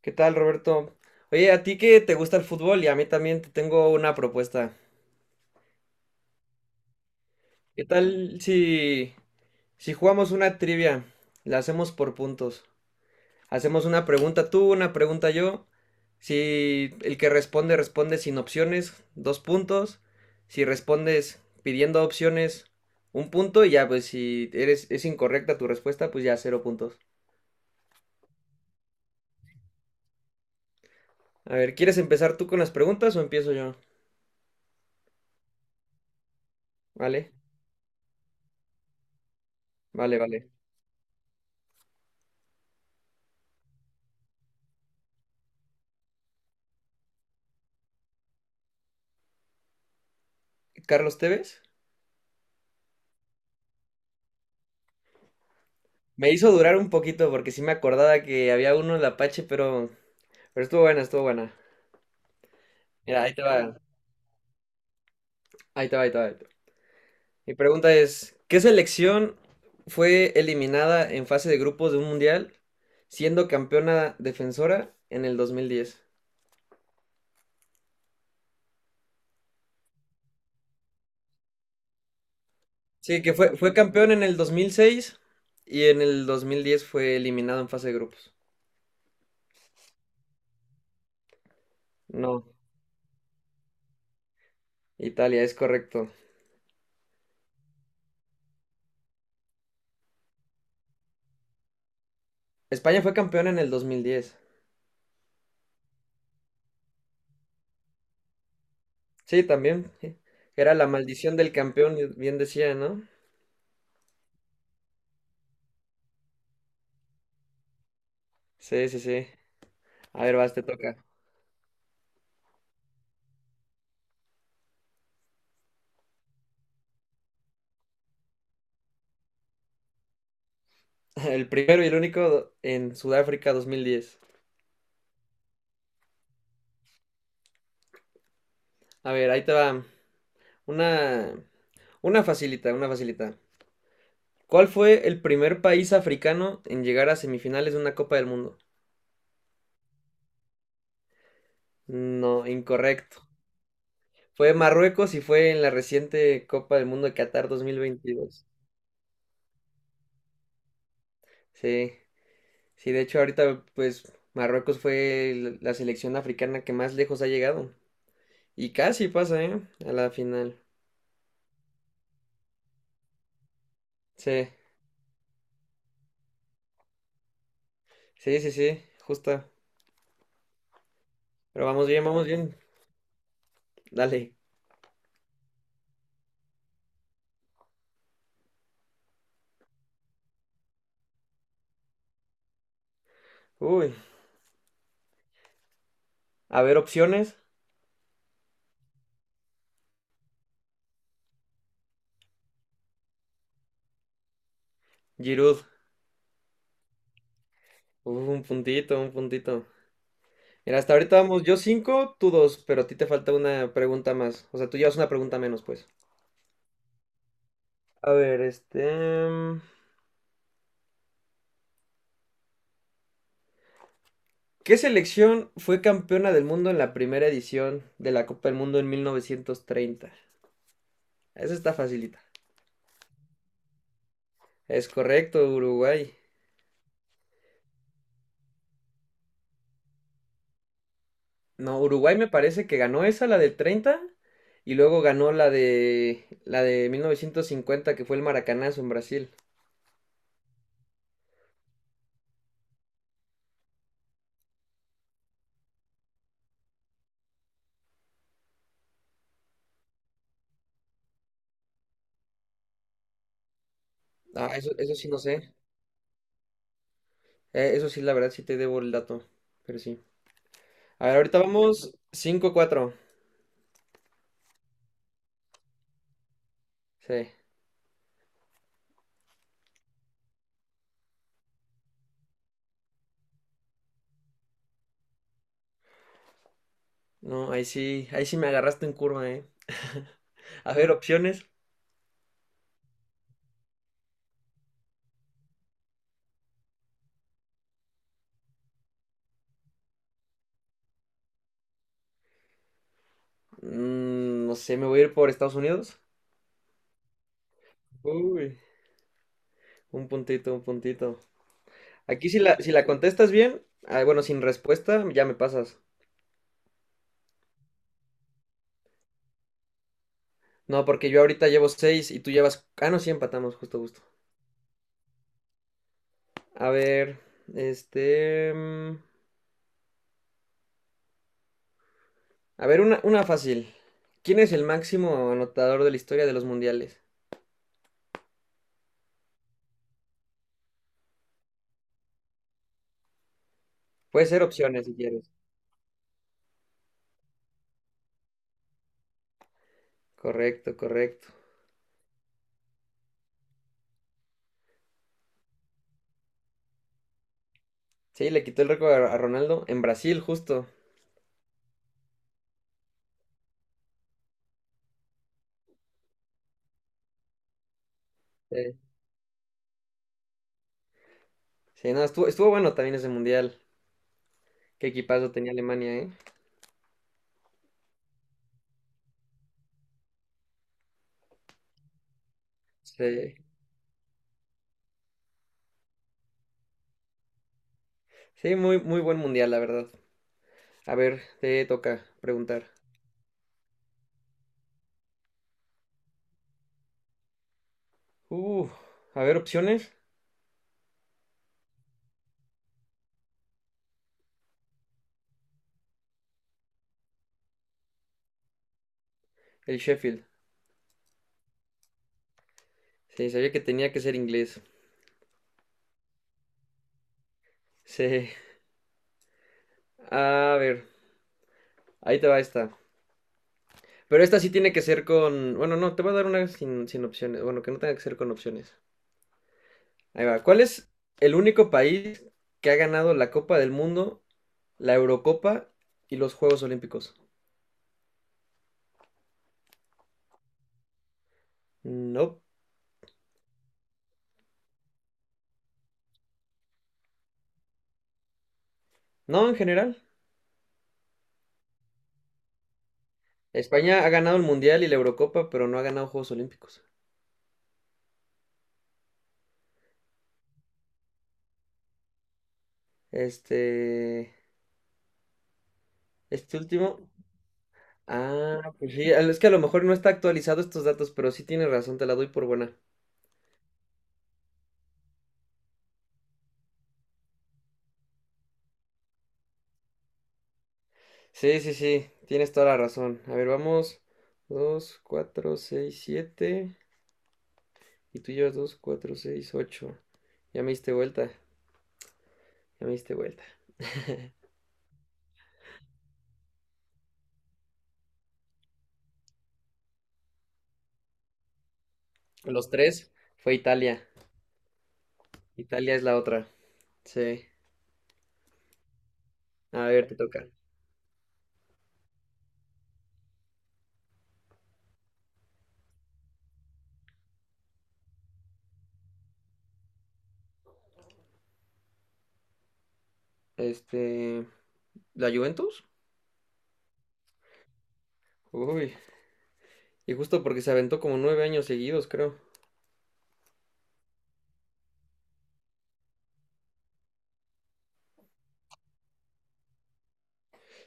¿Qué tal, Roberto? Oye, a ti que te gusta el fútbol y a mí también te tengo una propuesta. ¿Qué tal si jugamos una trivia? La hacemos por puntos. Hacemos una pregunta tú, una pregunta yo. Si el que responde responde sin opciones, dos puntos. Si respondes pidiendo opciones, un punto. Y ya, pues si eres, es incorrecta tu respuesta, pues ya cero puntos. A ver, ¿quieres empezar tú con las preguntas o empiezo yo? Vale, vale, vale. ¿Carlos Tevez? Me hizo durar un poquito porque sí me acordaba que había uno en la Apache, pero estuvo buena, estuvo buena. Mira, ahí te va, ahí te va, ahí te va, ahí te va. Mi pregunta es: ¿qué selección fue eliminada en fase de grupos de un mundial siendo campeona defensora en el 2010? Sí, que fue campeón en el 2006 y en el 2010 fue eliminado en fase de grupos. No, Italia, es correcto. España fue campeón en el 2010. Sí, también. Sí. Era la maldición del campeón, bien decía, ¿no? Sí, sí, sí. A ver, vas, te toca. El primero y el único en Sudáfrica 2010. A ver, ahí te va. Una, una facilita, una facilita. ¿Cuál fue el primer país africano en llegar a semifinales de una Copa del Mundo? No, incorrecto. Fue Marruecos y fue en la reciente Copa del Mundo de Qatar 2022. Sí, sí, de hecho ahorita pues Marruecos fue la selección africana que más lejos ha llegado. Y casi pasa, ¿eh? A la final. Sí. Sí, sí, sí, justa. Pero vamos bien, vamos bien. Dale. Uy. A ver, opciones. Giroud. Uf, un puntito, un puntito. Mira, hasta ahorita vamos yo cinco, tú dos, pero a ti te falta una pregunta más. O sea, tú llevas una pregunta menos, pues. A ver, este, mm, ¿qué selección fue campeona del mundo en la primera edición de la Copa del Mundo en 1930? Esa está facilita. Es correcto, Uruguay. No, Uruguay me parece que ganó esa, la del 30 y luego ganó la de 1950 que fue el Maracanazo en Brasil. Ah, eso sí no sé. Eso sí, la verdad, sí te debo el dato, pero sí. A ver, ahorita vamos cinco cuatro. Sí. No, ahí sí me agarraste en curva, ¿eh? A ver, opciones. No sé, me voy a ir por Estados Unidos. Uy, un puntito, un puntito. Aquí si la contestas bien, ah, bueno, sin respuesta, ya me pasas. No, porque yo ahorita llevo seis y tú llevas. Ah, no, sí empatamos, justo, justo. A ver, este, a ver, una fácil. ¿Quién es el máximo anotador de la historia de los mundiales? Puede ser opciones si quieres. Correcto, correcto. Sí, le quitó el récord a Ronaldo en Brasil, justo. Sí, sí, no, estuvo bueno también ese mundial. Qué equipazo tenía Alemania, ¿eh? Sí. Sí, muy, muy buen mundial, la verdad. A ver, te toca preguntar. Uh, a ver, opciones. El Sheffield. Sí, sabía que tenía que ser inglés. Sí. A ver, ahí te va esta. Pero esta sí tiene que ser con. Bueno, no, te voy a dar una sin opciones. Bueno, que no tenga que ser con opciones. Ahí va. ¿Cuál es el único país que ha ganado la Copa del Mundo, la Eurocopa y los Juegos Olímpicos? No. No, en general. España ha ganado el Mundial y la Eurocopa, pero no ha ganado Juegos Olímpicos. Este. Este último. Ah, pues sí. Es que a lo mejor no está actualizado estos datos, pero sí tienes razón, te la doy por buena. Sí, sí, sí, tienes toda la razón. A ver, vamos: dos, cuatro, seis, siete. Y tú llevas dos, cuatro, seis, ocho. Ya me diste vuelta, ya me diste vuelta. Los tres fue Italia. Italia es la otra. Sí. A ver, te toca. Este, ¿la Juventus? Uy, y justo porque se aventó como 9 años seguidos, creo.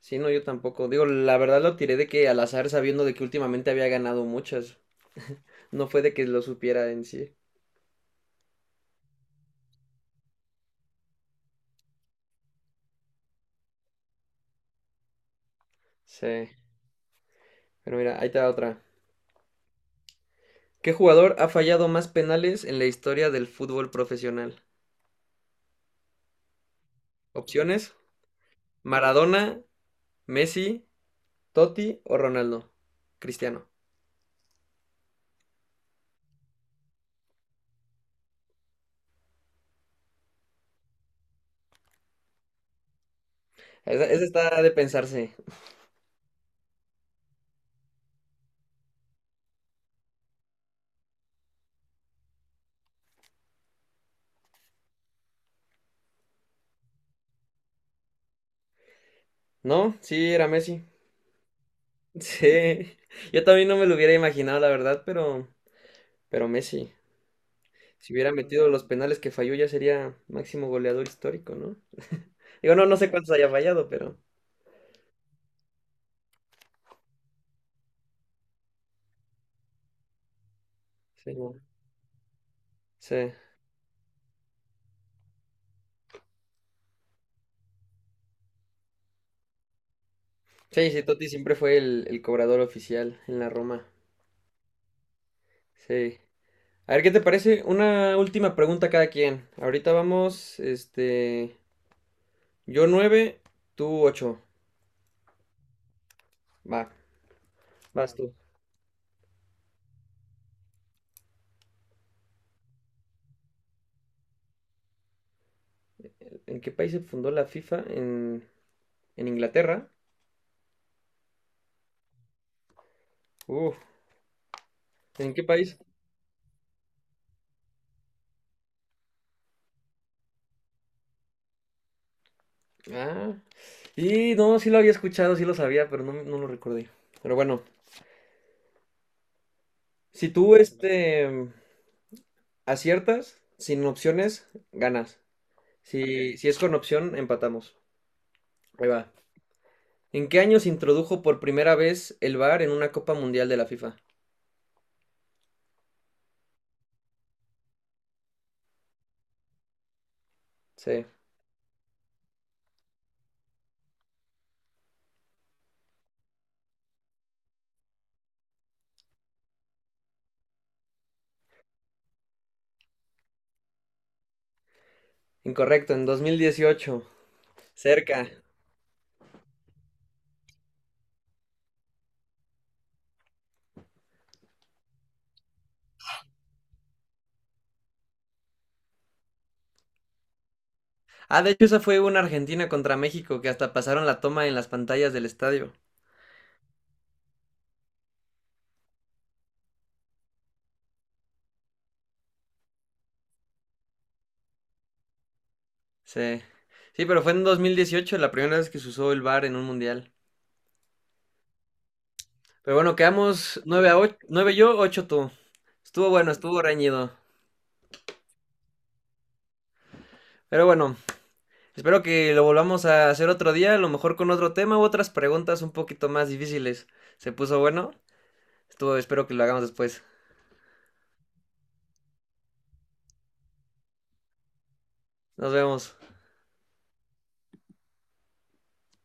Sí, no, yo tampoco. Digo, la verdad lo tiré de que al azar sabiendo de que últimamente había ganado muchas. No fue de que lo supiera en sí. Sí. Pero mira, ahí te va otra. ¿Qué jugador ha fallado más penales en la historia del fútbol profesional? Opciones: Maradona, Messi, Totti o Ronaldo. Cristiano. Esa está de pensarse. ¿No? Sí, era Messi. Sí. Yo también no me lo hubiera imaginado, la verdad, pero Messi. Si hubiera metido los penales que falló, ya sería máximo goleador histórico, ¿no? Digo, no, no sé cuántos haya fallado, pero. Sí, no. Sí. Sí, sí, Totti siempre fue el cobrador oficial en la Roma. Sí. A ver, ¿qué te parece? Una última pregunta a cada quien. Ahorita vamos, este, yo nueve, tú ocho. Va, vas tú. ¿En qué país se fundó la FIFA? En Inglaterra. Uf, ¿en qué país? Ah, y no, sí lo había escuchado, sí lo sabía, pero no, no lo recordé. Pero bueno, si tú, este, aciertas, sin opciones, ganas. Si, Ok. Si es con opción, empatamos. Ahí va. ¿En qué año se introdujo por primera vez el VAR en una Copa Mundial de la FIFA? Sí. Incorrecto, en 2018. Cerca. Ah, de hecho, esa fue una Argentina contra México que hasta pasaron la toma en las pantallas del estadio. Sí. Sí, pero fue en 2018 la primera vez que se usó el VAR en un mundial. Pero bueno, quedamos 9-8, 9 yo, 8 tú. Estuvo bueno, estuvo reñido. Pero bueno, espero que lo volvamos a hacer otro día, a lo mejor con otro tema u otras preguntas un poquito más difíciles. Se puso bueno. Espero que lo hagamos después. Nos vemos.